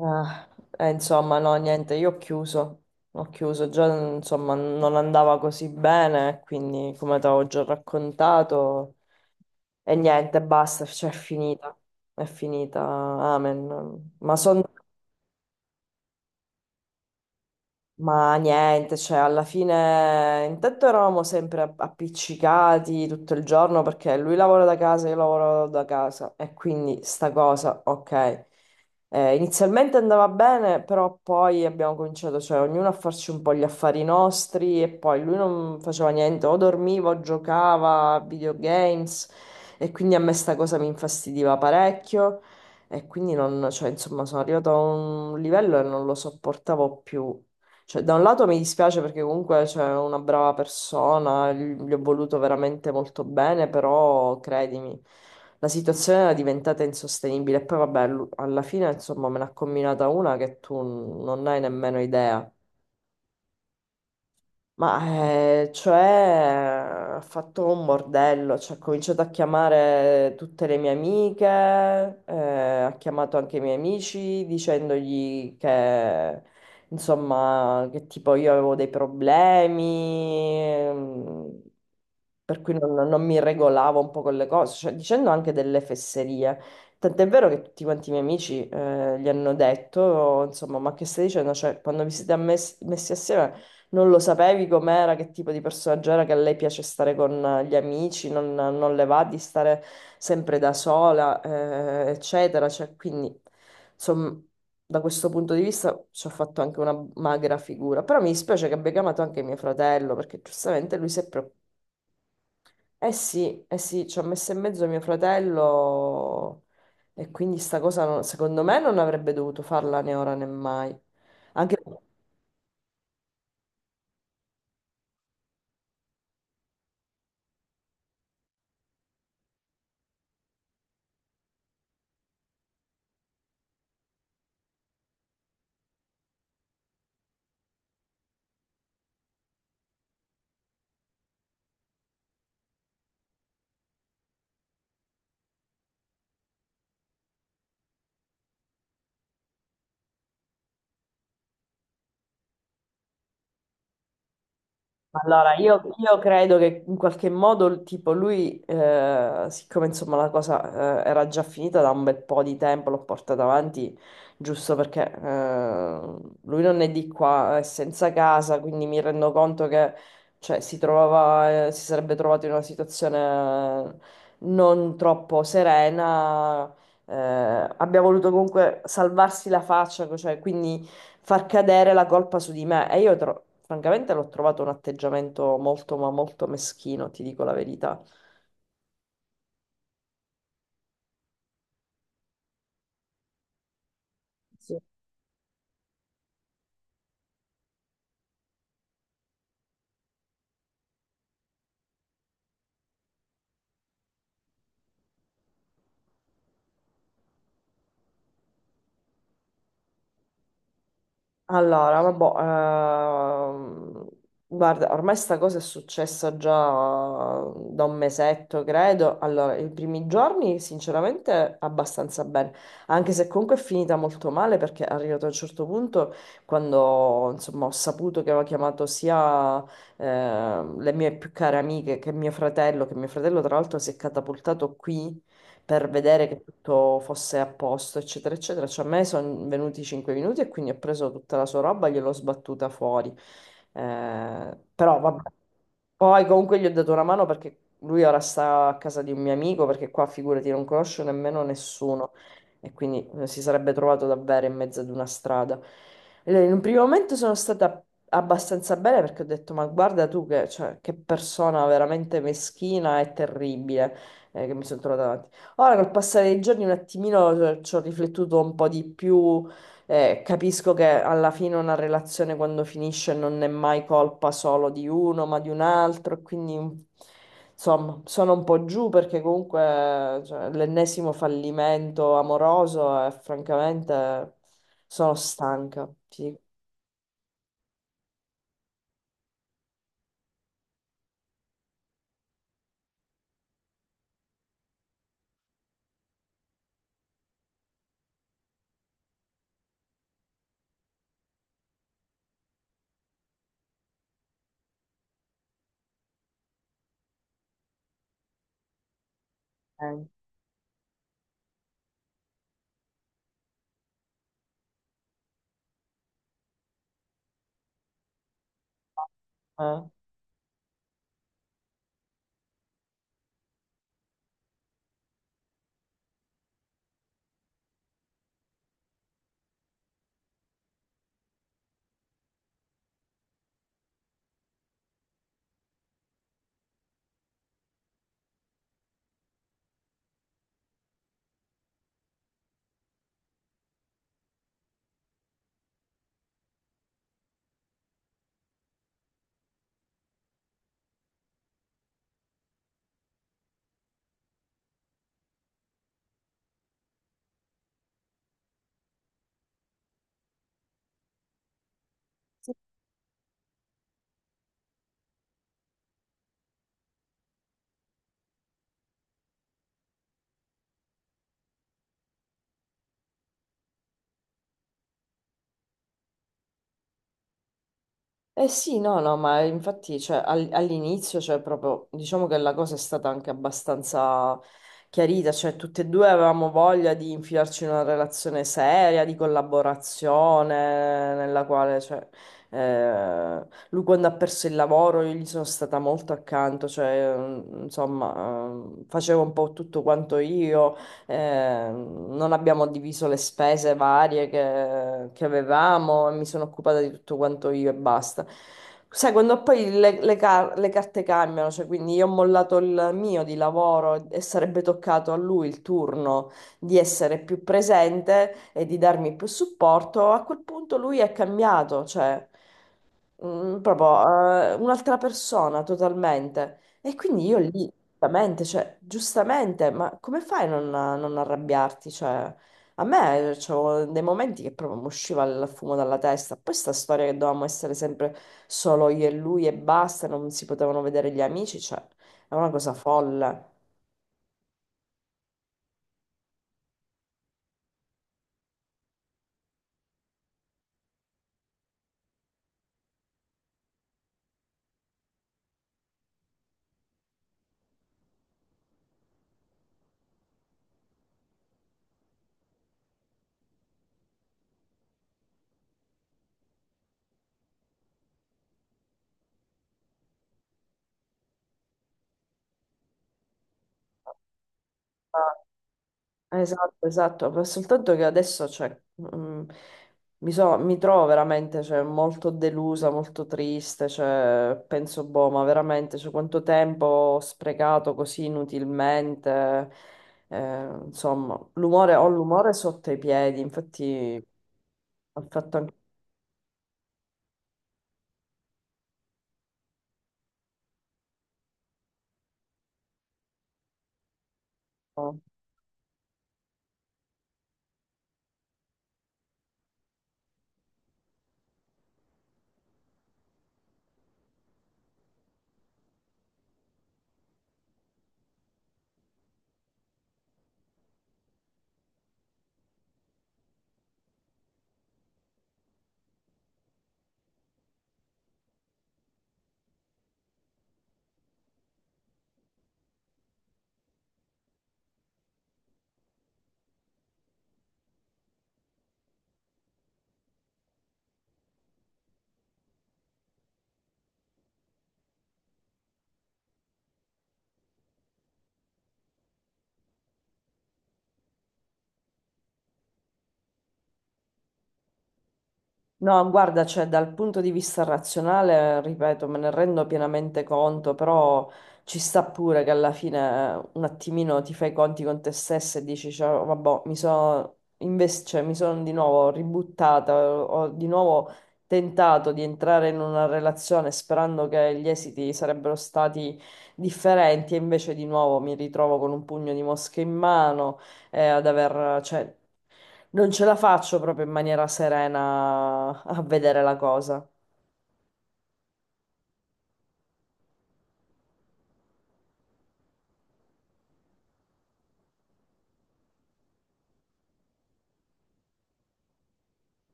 Ah, insomma, no, niente, io ho chiuso, già insomma non andava così bene, quindi come ti avevo già raccontato, e niente, basta, cioè è finita, amen. Ma niente, cioè alla fine intanto eravamo sempre appiccicati tutto il giorno perché lui lavora da casa, io lavoro da casa e quindi sta cosa, ok. Inizialmente andava bene, però poi abbiamo cominciato, cioè ognuno a farci un po' gli affari nostri e poi lui non faceva niente, o dormiva o giocava a videogames e quindi a me sta cosa mi infastidiva parecchio e quindi non, cioè insomma sono arrivato a un livello e non lo sopportavo più. Cioè, da un lato mi dispiace perché comunque c'è una brava persona, gli ho voluto veramente molto bene, però credimi, la situazione era diventata insostenibile. E poi vabbè, alla fine insomma me ne ha combinata una che tu non hai nemmeno idea. Ma cioè ha fatto un bordello, cioè, ha cominciato a chiamare tutte le mie amiche, ha chiamato anche i miei amici dicendogli che insomma che tipo io avevo dei problemi, per cui non mi regolavo un po' con le cose, cioè, dicendo anche delle fesserie. Tant'è vero che tutti quanti i miei amici gli hanno detto, insomma, ma che stai dicendo? Cioè, quando vi siete messi assieme non lo sapevi com'era, che tipo di personaggio era, che a lei piace stare con gli amici, non le va di stare sempre da sola, eccetera. Cioè, quindi, insomma, da questo punto di vista ci ho fatto anche una magra figura. Però mi dispiace che abbia chiamato anche mio fratello, perché giustamente lui si è preoccupato. Sì, eh sì, ci ha messo in mezzo mio fratello e quindi sta cosa secondo me non avrebbe dovuto farla né ora né mai. Anche Allora, io credo che in qualche modo, tipo, lui, siccome insomma la cosa, era già finita da un bel po' di tempo, l'ho portata avanti giusto perché, lui non è di qua, è senza casa, quindi mi rendo conto che, cioè, si sarebbe trovato in una situazione non troppo serena. eh, Abbia voluto comunque salvarsi la faccia, cioè, quindi far cadere la colpa su di me. E io, francamente, l'ho trovato un atteggiamento molto, ma molto meschino, ti dico la verità. Sì, allora, vabbè, ehm, guarda, ormai sta cosa è successa già da un mesetto, credo. Allora, i primi giorni, sinceramente, abbastanza bene, anche se comunque è finita molto male perché è arrivato a un certo punto quando, insomma, ho saputo che aveva chiamato sia le mie più care amiche che mio fratello tra l'altro si è catapultato qui per vedere che tutto fosse a posto, eccetera, eccetera. Cioè, a me sono venuti 5 minuti e quindi ho preso tutta la sua roba e gliel'ho sbattuta fuori. Però vabbè. Poi comunque gli ho dato una mano perché lui ora sta a casa di un mio amico, perché qua figurati non conosce nemmeno nessuno e quindi si sarebbe trovato davvero in mezzo ad una strada. E in un primo momento sono stata abbastanza bene perché ho detto ma guarda tu che, cioè, che persona veramente meschina e terribile che mi sono trovata davanti. Ora col passare dei giorni un attimino ci ho riflettuto un po' di più capisco che alla fine una relazione quando finisce non è mai colpa solo di uno, ma di un altro, e quindi insomma sono un po' giù perché comunque cioè, l'ennesimo fallimento amoroso e francamente sono stanca. Sì. Eh, eh. Eh sì, no, no, ma infatti cioè, all'inizio cioè, proprio, diciamo che la cosa è stata anche abbastanza chiarita, cioè tutte e due avevamo voglia di infilarci in una relazione seria, di collaborazione, nella quale cioè, lui quando ha perso il lavoro io gli sono stata molto accanto, cioè, insomma, facevo un po' tutto quanto io, non abbiamo diviso le spese varie che avevamo e mi sono occupata di tutto quanto io e basta. Sai, quando poi le carte cambiano, cioè quindi io ho mollato il mio di lavoro e sarebbe toccato a lui il turno di essere più presente e di darmi più supporto, a quel punto lui è cambiato, cioè. Proprio un'altra persona totalmente. E quindi io lì, giustamente, cioè, giustamente, ma come fai a non arrabbiarti? Cioè, a me c'avevo dei momenti che proprio mi usciva il fumo dalla testa. Poi sta storia che dovevamo essere sempre solo io e lui e basta, non si potevano vedere gli amici, cioè, è una cosa folle. Esatto, esatto, però soltanto che adesso cioè, mm, mi trovo veramente cioè, molto delusa, molto triste, cioè, penso, boh, ma veramente cioè, quanto tempo ho sprecato così inutilmente, insomma, ho l'umore sotto i piedi, infatti ho fatto anche. Un po'. No, guarda, cioè dal punto di vista razionale, ripeto, me ne rendo pienamente conto, però ci sta pure che alla fine un attimino ti fai i conti con te stessa e dici, cioè, vabbè, mi sono cioè, mi sono di nuovo ributtata, ho di nuovo tentato di entrare in una relazione sperando che gli esiti sarebbero stati differenti e invece di nuovo mi ritrovo con un pugno di mosche in mano e ad aver, cioè, non ce la faccio proprio in maniera serena a vedere la cosa.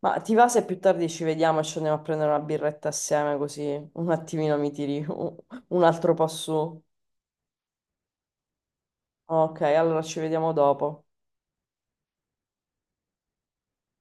Ma ti va se più tardi ci vediamo e ci andiamo a prendere una birretta assieme così un attimino mi tiri un altro po' su? Ok, allora ci vediamo dopo.